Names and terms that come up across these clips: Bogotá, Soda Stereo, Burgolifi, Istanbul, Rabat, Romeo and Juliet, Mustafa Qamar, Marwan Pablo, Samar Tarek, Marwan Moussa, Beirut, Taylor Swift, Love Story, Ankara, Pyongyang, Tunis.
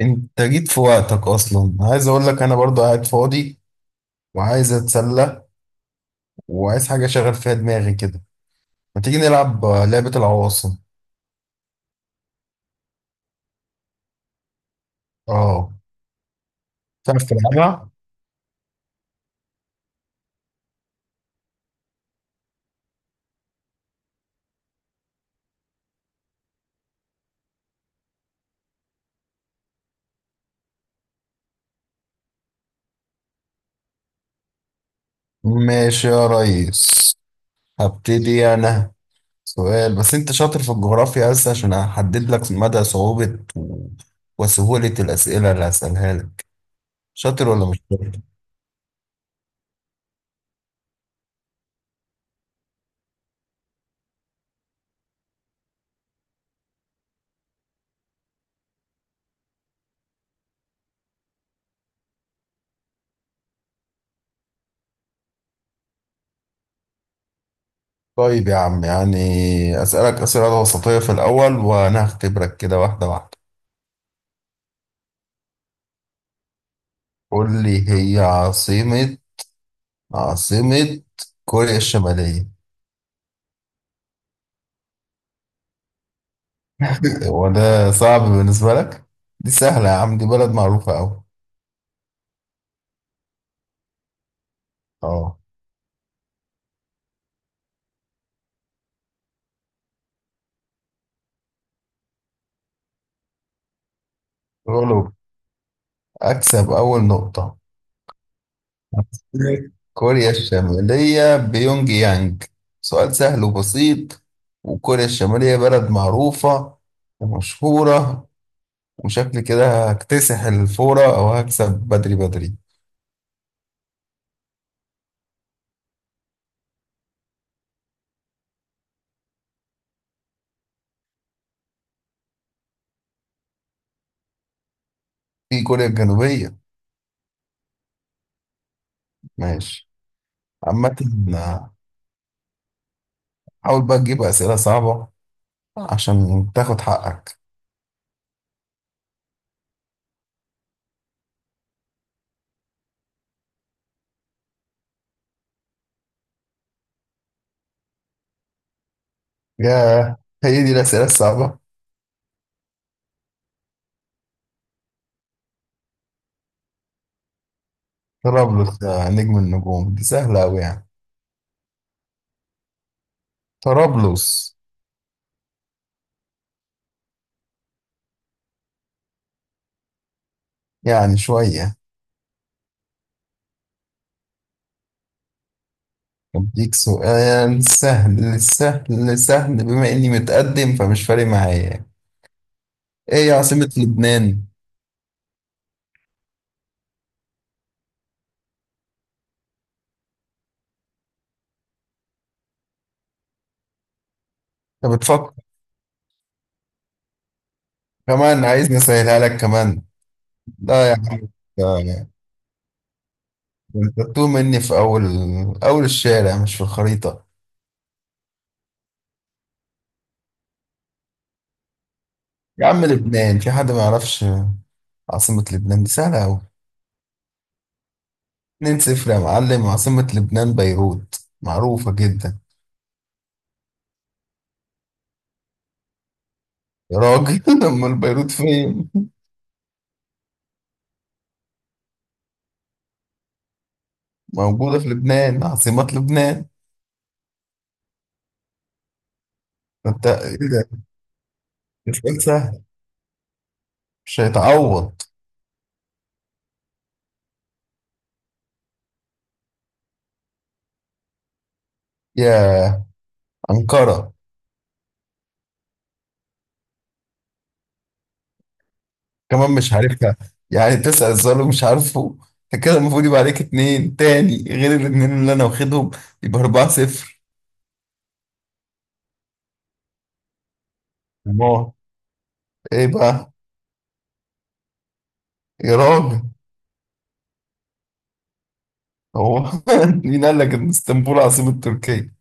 انت جيت في وقتك اصلا. عايز اقول لك انا برضو قاعد فاضي وعايز اتسلى وعايز حاجه اشغل فيها دماغي كده. ما تيجي نلعب لعبه العواصم. اه، تعرف تلعبها؟ ماشي يا ريس، هبتدي انا. سؤال، بس انت شاطر في الجغرافيا؟ بس عشان احدد لك مدى صعوبه وسهوله الاسئله اللي هسالها لك. شاطر ولا مش شاطر؟ طيب يا عم، يعني اسالك اسئله وسطيه في الاول وانا هختبرك كده واحده واحده. قول لي، هي عاصمة كوريا الشمالية؟ وده صعب بالنسبة لك؟ دي سهلة يا عم، دي بلد معروفة أوي. اه، قولوا، أكسب أول نقطة. عاصمة كوريا الشمالية بيونج يانج، سؤال سهل وبسيط، وكوريا الشمالية بلد معروفة ومشهورة. وشكل كده هكتسح الفورة أو هكسب بدري بدري. في كوريا الجنوبية. ماشي. عامة، حاول بقى تجيب أسئلة صعبة عشان تاخد حقك. ياه، هي دي الأسئلة الصعبة؟ طرابلس يا نجم النجوم، دي سهلة أوي يعني. طرابلس. يعني شوية. أديك سؤال سهل سهل سهل، بما إني متقدم فمش فارق معايا. إيه يا عاصمة لبنان؟ أنت بتفكر؟ كمان عايزني أسهلها لك كمان؟ لا يا عم، ده- ده أنت بتوه مني في أول أول الشارع مش في الخريطة. يا عم لبنان، في حد ما يعرفش عاصمة لبنان؟ دي سهلة أوي. 2-0 يا معلم، عاصمة لبنان بيروت، معروفة جدا. يا راجل، أمال بيروت فين؟ موجودة في لبنان، عاصمة لبنان. أنت إيه ده؟ ده سؤال سهل، مش هيتعوض. يا أنقرة. كمان مش عارفها؟ يعني تسأل سؤال ومش عارفه؟ أنت كده المفروض يبقى عليك اتنين تاني غير الاتنين اللي أنا واخدهم، يبقى 4-0. الله، إيه بقى؟ يا راجل، هو مين قال لك إن اسطنبول عاصمة تركيا؟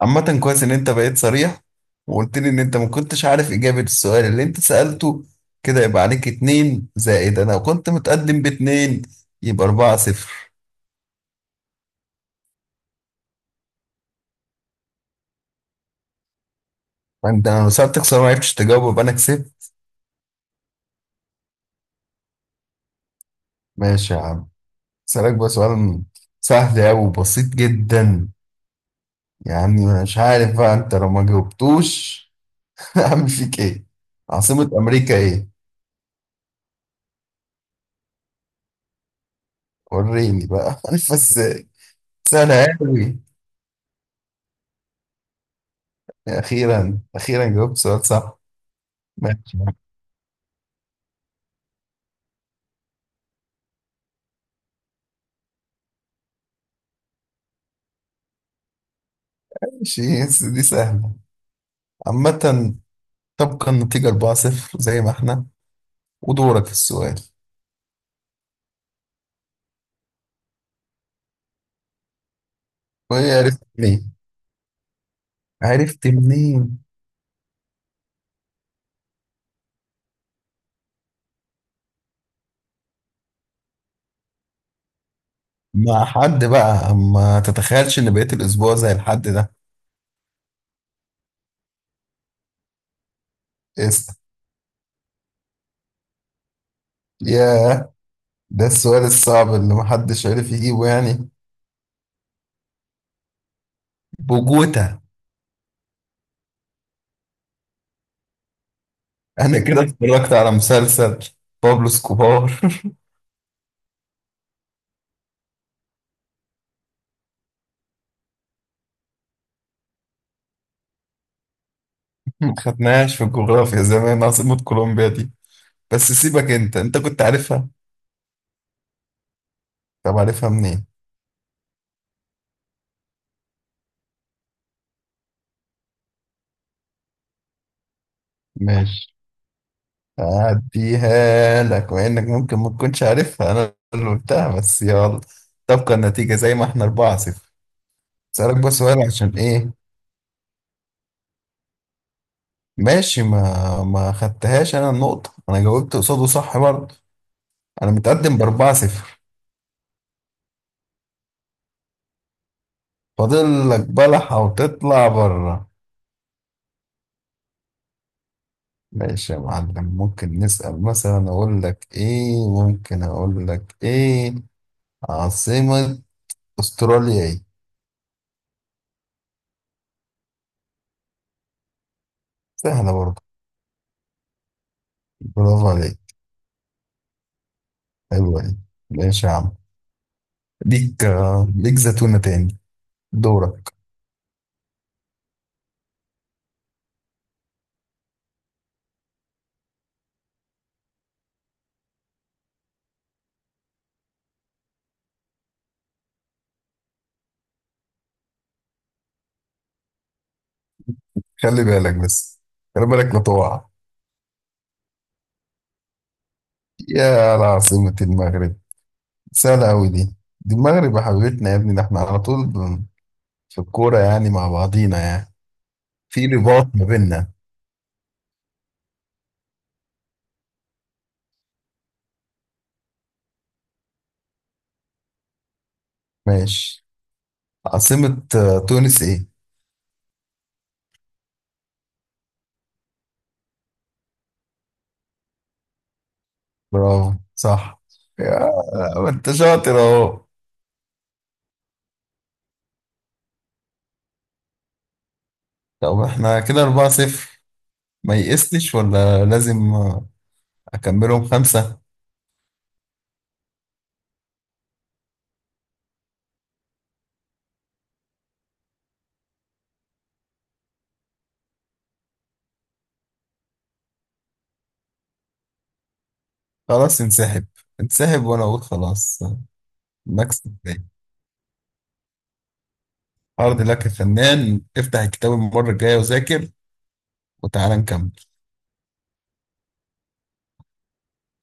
عامة كويس إن أنت بقيت صريح وقلت لي إن أنت ما كنتش عارف إجابة السؤال اللي أنت سألته. كده يبقى عليك اتنين زائد أنا كنت متقدم باتنين، يبقى أربعة صفر. فأنت، أنا لو سألتك سؤال ما عرفتش تجاوبه يبقى أنا كسبت. ماشي يا عم، أسألك بقى سؤال سهل أوي وبسيط جدا. يعني مش عارف بقى أنت لو ما جاوبتوش هعمل فيك إيه. عاصمة أمريكا إيه؟ وريني بقى عارف إزاي. سهلة أوي. أخيرا أخيرا جاوبت سؤال صح. ماشي. ماشي بس دي سهلة. عامة، تبقى النتيجة 4-0 زي ما احنا، ودورك في السؤال. وهي عرفت منين؟ عرفت منين؟ مع حد بقى؟ ما تتخيلش ان بقيت الاسبوع زي الحد ده. اسأل. ياه، ده السؤال الصعب اللي محدش عرف يجيبه يعني؟ بوجوتا. انا كده اتفرجت على مسلسل بابلو سكوبار. ما خدناهاش في الجغرافيا زمان عاصمة كولومبيا دي. بس سيبك انت كنت عارفها. طب عارفها منين؟ ماشي، هديها لك مع انك ممكن ما تكونش عارفها، انا اللي قلتها بس يلا. تبقى النتيجة زي ما احنا 4 0. اسألك بس سؤال عشان ايه. ماشي، ما خدتهاش انا النقطة، انا جاوبت قصاده صح برضه. انا متقدم ب 4 0. فاضل لك بلحة وتطلع بره. ماشي يا معلم، ممكن نسأل مثلا، اقول لك ايه عاصمة استراليا ايه؟ سهلة برضه. برافو عليك. حلوة دي. ماشي يا عم، ليك ليك زتونة تاني. دورك. خلي بالك بس، خلي بالك لا تقع. العاصمة المغرب، سهلة أوي دي المغرب يا حبيبتنا يا ابني، ده احنا على طول في الكورة يعني مع بعضينا يعني، في رباط ما بيننا. ماشي. عاصمة تونس ايه؟ برافو صح. يا ما انت شاطر اهو. طب احنا كده 4-0، ما يئستش ولا لازم، أكملهم خمسة. خلاص انسحب، انسحب وانا اقول خلاص. نكسب تاني. عرض لك يا فنان، افتح الكتاب المرة الجاية وذاكر، وتعالى نكمل.